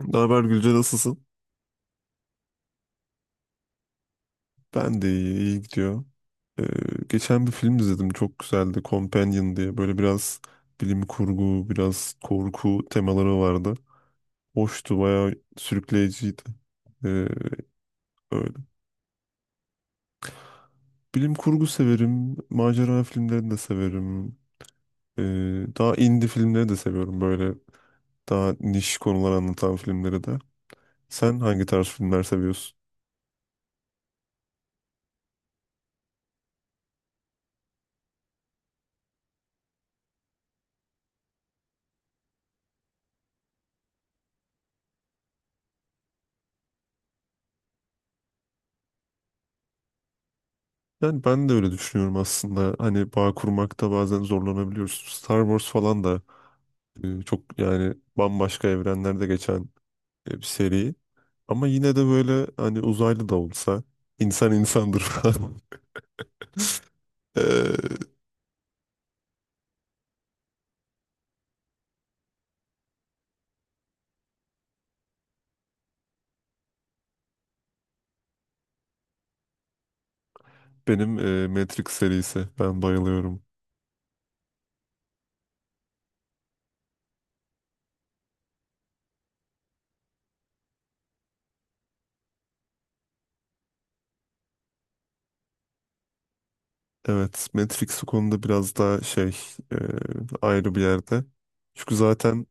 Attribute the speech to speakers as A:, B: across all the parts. A: Ne haber Gülce, nasılsın? Ben de iyi, iyi gidiyor. Ee, Geçen bir film izledim, çok güzeldi, Companion diye. Böyle biraz bilim kurgu, biraz korku temaları vardı. Hoştu, bayağı sürükleyiciydi. Ee, Öyle. Bilim kurgu severim, macera filmlerini de severim. Ee, Daha indie filmleri de seviyorum, böyle daha niş konular anlatan filmleri de. Sen hangi tarz filmler seviyorsun? Yani ben de öyle düşünüyorum aslında. Hani bağ kurmakta bazen zorlanabiliyoruz. Star Wars falan da çok, yani bambaşka evrenlerde geçen, bir seri. Ama yine de böyle hani uzaylı da olsa insan insandır falan. E, Benim Matrix serisi. Ben bayılıyorum. Evet, Matrix o konuda biraz daha şey, e, ayrı bir yerde. Çünkü zaten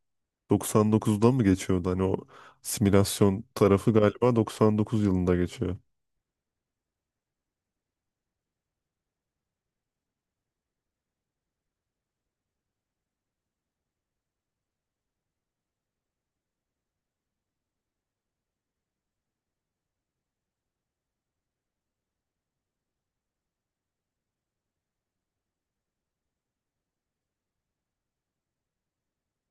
A: 99'da mı geçiyordu? Hani o simülasyon tarafı galiba 99 yılında geçiyor.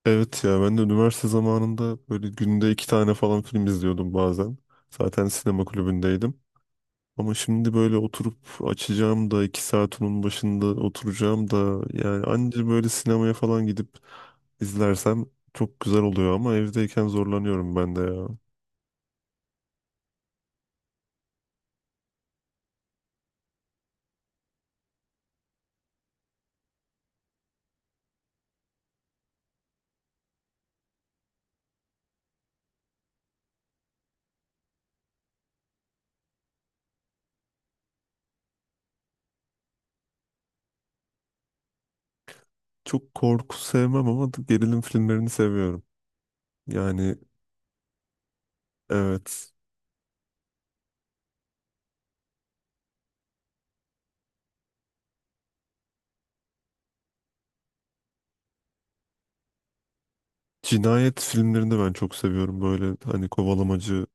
A: Evet ya, ben de üniversite zamanında böyle günde iki tane falan film izliyordum bazen. Zaten sinema kulübündeydim. Ama şimdi böyle oturup açacağım da iki saat onun başında oturacağım da, yani anca böyle sinemaya falan gidip izlersem çok güzel oluyor ama evdeyken zorlanıyorum ben de ya. Çok korku sevmem ama gerilim filmlerini seviyorum. Yani, evet, cinayet filmlerini ben çok seviyorum, böyle hani kovalamacı,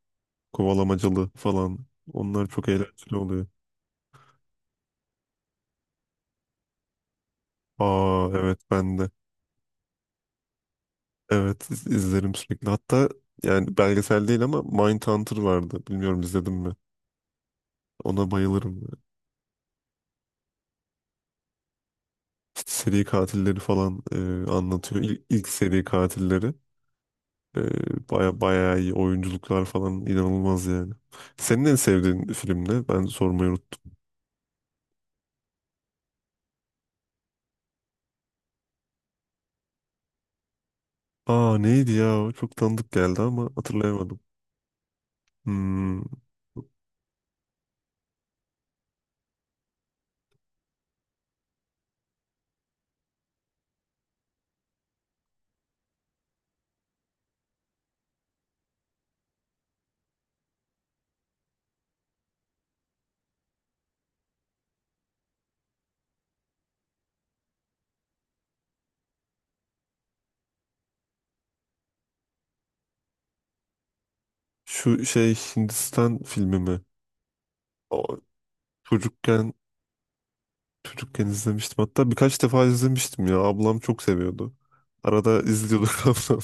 A: kovalamacalı falan, onlar çok eğlenceli oluyor. Aa evet, ben de. Evet, izlerim sürekli. Hatta yani belgesel değil ama Mindhunter vardı. Bilmiyorum izledim mi? Ona bayılırım. İşte seri katilleri falan anlatıyor. İlk, seri katilleri. E, bayağı iyi oyunculuklar falan, inanılmaz yani. Senin en sevdiğin film ne? Ben sormayı unuttum. Aa, neydi ya? O, çok tanıdık geldi ama hatırlayamadım. Hmm, Şu şey, Hindistan filmi mi? O, çocukken Çocukken izlemiştim. Hatta birkaç defa izlemiştim ya. Ablam çok seviyordu. Arada izliyorduk ablam.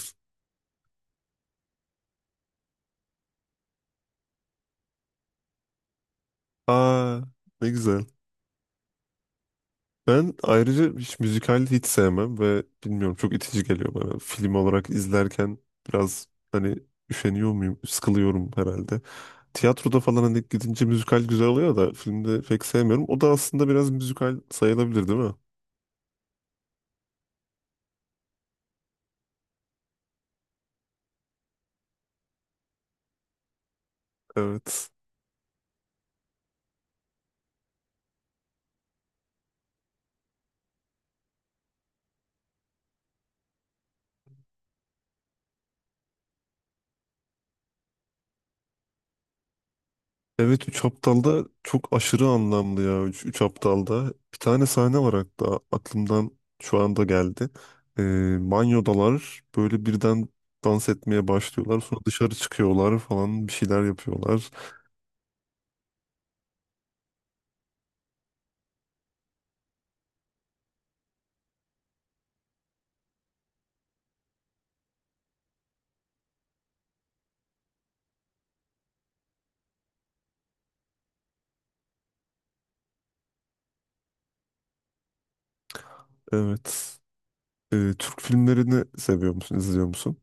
A: Aa, ne güzel. Ben ayrıca hiç müzikal hiç sevmem ve bilmiyorum, çok itici geliyor bana. Film olarak izlerken biraz hani üşeniyor muyum? Sıkılıyorum herhalde. Tiyatroda falan hani gidince müzikal güzel oluyor da filmde pek sevmiyorum. O da aslında biraz müzikal sayılabilir değil mi? Evet. Evet, Üç Aptal'da çok aşırı anlamlı ya, Üç Aptal'da. Bir tane sahne var hatta, aklımdan şu anda geldi. Banyodalar böyle birden dans etmeye başlıyorlar. Sonra dışarı çıkıyorlar falan, bir şeyler yapıyorlar. Evet. Türk filmlerini seviyor musun, izliyor musun?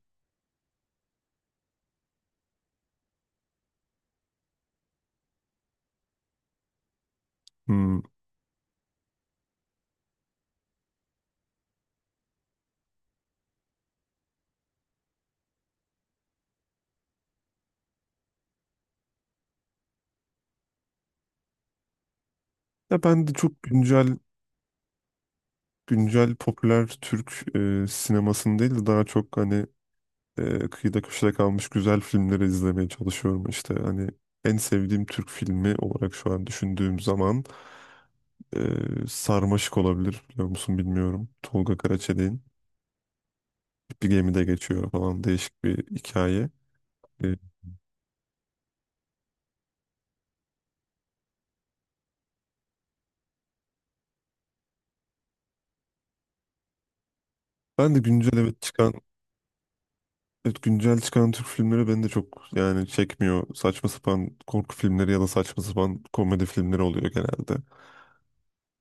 A: Hmm. Ya ben de çok güncel popüler Türk sinemasını değil de, daha çok hani kıyıda köşede kalmış güzel filmleri izlemeye çalışıyorum, işte hani en sevdiğim Türk filmi olarak şu an düşündüğüm zaman Sarmaşık olabilir, biliyor musun bilmiyorum, Tolga Karaçelik'in, bir gemide geçiyor falan, değişik bir hikaye. E, Ben de güncel evet, güncel çıkan Türk filmleri beni de çok, yani çekmiyor, saçma sapan korku filmleri ya da saçma sapan komedi filmleri oluyor genelde,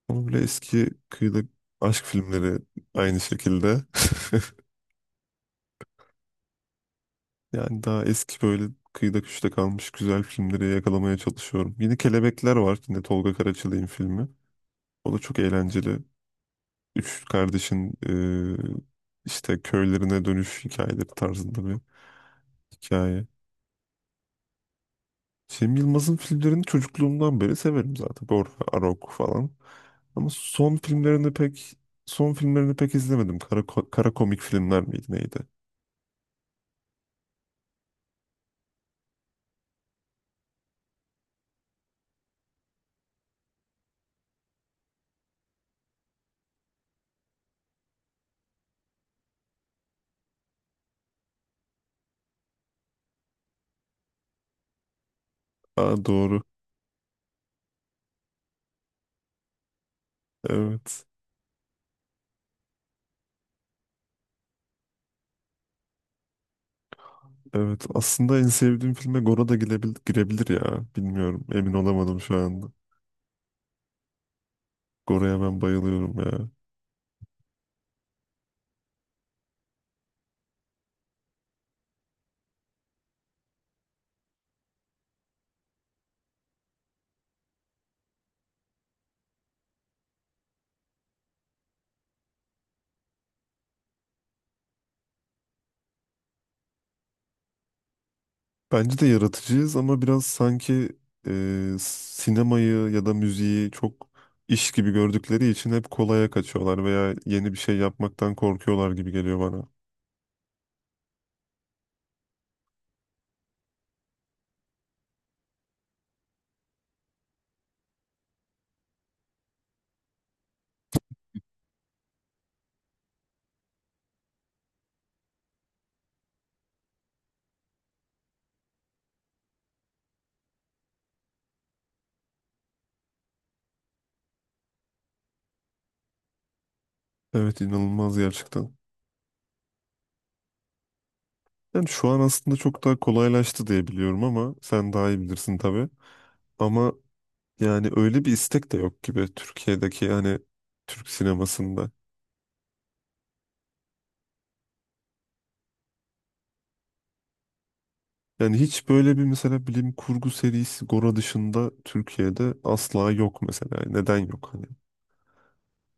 A: ama böyle eski kıyıda, aşk filmleri aynı şekilde. Yani daha eski böyle kıyıda köşede kalmış güzel filmleri yakalamaya çalışıyorum. Yine Kelebekler var. Yine Tolga Karaçalık'ın filmi. O da çok eğlenceli. Üç kardeşin, işte köylerine dönüş hikayeleri tarzında bir hikaye. Cem Yılmaz'ın filmlerini çocukluğumdan beri severim zaten. Borha, Arok falan. Ama son filmlerini pek izlemedim. Kara komik filmler miydi, neydi? Aa, doğru. Evet. Evet, aslında en sevdiğim filme Gora da girebilir, girebilir ya. Bilmiyorum, emin olamadım şu anda. Gora'ya ben bayılıyorum ya. Bence de yaratıcıyız ama biraz sanki, sinemayı ya da müziği çok iş gibi gördükleri için hep kolaya kaçıyorlar veya yeni bir şey yapmaktan korkuyorlar gibi geliyor bana. Evet, inanılmaz gerçekten. Yani şu an aslında çok daha kolaylaştı diye biliyorum ama sen daha iyi bilirsin tabii. Ama yani öyle bir istek de yok gibi Türkiye'deki, yani Türk sinemasında. Yani hiç böyle bir, mesela bilim kurgu serisi Gora dışında Türkiye'de asla yok mesela. Yani neden yok hani?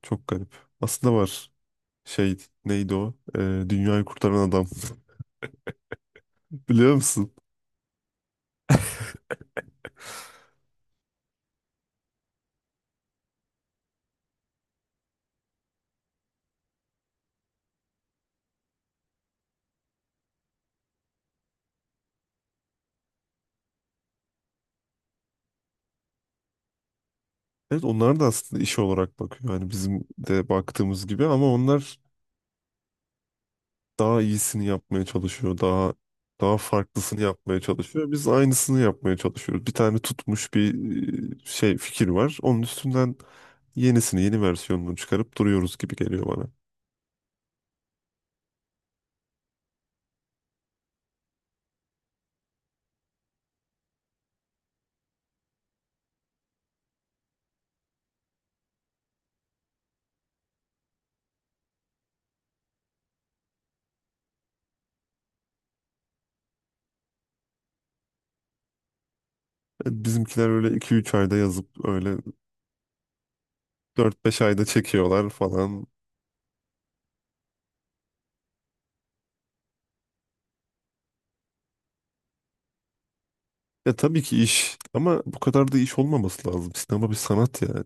A: Çok garip. Aslında var. Şey, neydi o? Dünyayı Kurtaran Adam. Biliyor musun? Evet, onlar da aslında iş olarak bakıyor. Yani bizim de baktığımız gibi ama onlar daha iyisini yapmaya çalışıyor. Daha farklısını yapmaya çalışıyor. Biz aynısını yapmaya çalışıyoruz. Bir tane tutmuş bir, şey fikir var. Onun üstünden yenisini, yeni versiyonunu çıkarıp duruyoruz gibi geliyor bana. Bizimkiler öyle iki üç ayda yazıp öyle dört beş ayda çekiyorlar falan. Ya tabii ki iş ama bu kadar da iş olmaması lazım. Sinema bir sanat yani.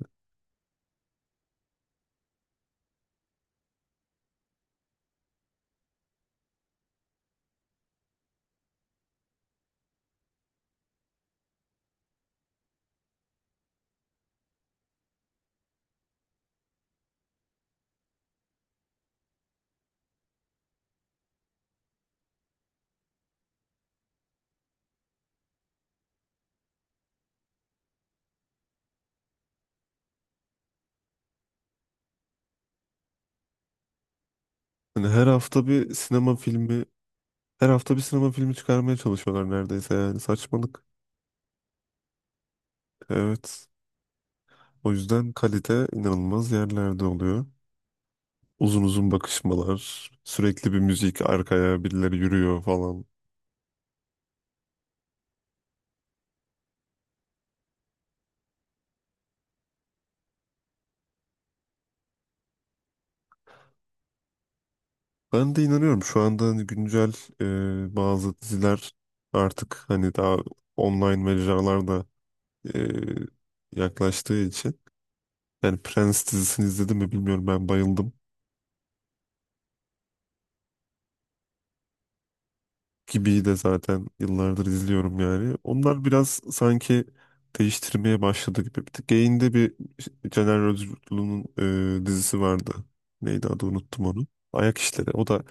A: Hani her hafta bir sinema filmi, her hafta bir sinema filmi çıkarmaya çalışıyorlar neredeyse, yani saçmalık. Evet. O yüzden kalite inanılmaz yerlerde oluyor. Uzun uzun bakışmalar, sürekli bir müzik arkaya, birileri yürüyor falan. Ben de inanıyorum, şu anda hani güncel bazı diziler artık hani daha online mecralarda e, yaklaştığı için, yani Prens dizisini izledim mi bilmiyorum, ben bayıldım. Gibi'yi de zaten yıllardır izliyorum yani. Onlar biraz sanki değiştirmeye başladı gibi. Bir tık Gain'de bir Caner Özgürlü'nün dizisi vardı. Neydi adı, unuttum onu. Ayak işleri. O da,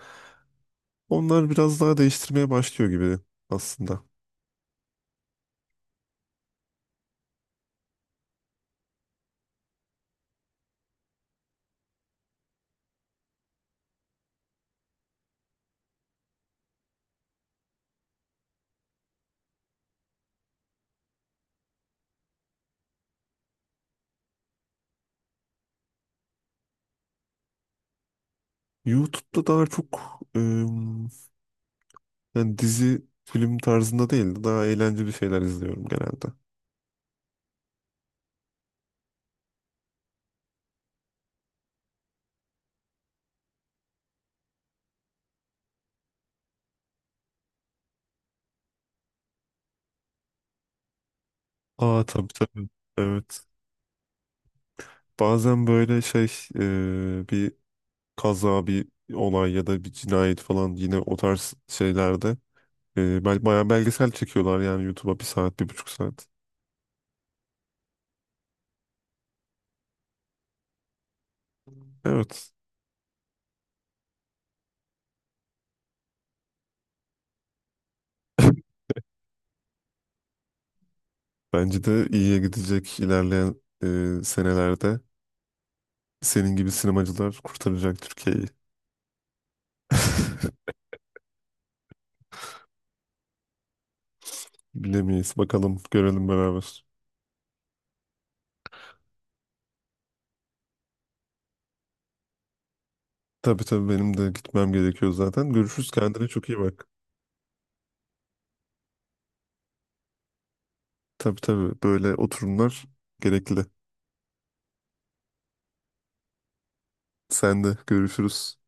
A: onlar biraz daha değiştirmeye başlıyor gibi aslında. YouTube'da daha çok em, yani dizi film tarzında değil de daha eğlenceli şeyler izliyorum genelde. Aa tabii, tabii. Evet. Bazen böyle şey, bir kaza, bir olay ya da bir cinayet falan, yine o tarz şeylerde bayağı belgesel çekiyorlar yani YouTube'a, bir saat, bir buçuk saat. Evet. Bence de iyiye gidecek, ilerleyen senelerde senin gibi sinemacılar kurtaracak Türkiye'yi. Bilemeyiz. Bakalım, görelim beraber. Tabii tabii, benim de gitmem gerekiyor zaten. Görüşürüz, kendine çok iyi bak. Tabii tabii, böyle oturumlar gerekli. Sen de, görüşürüz.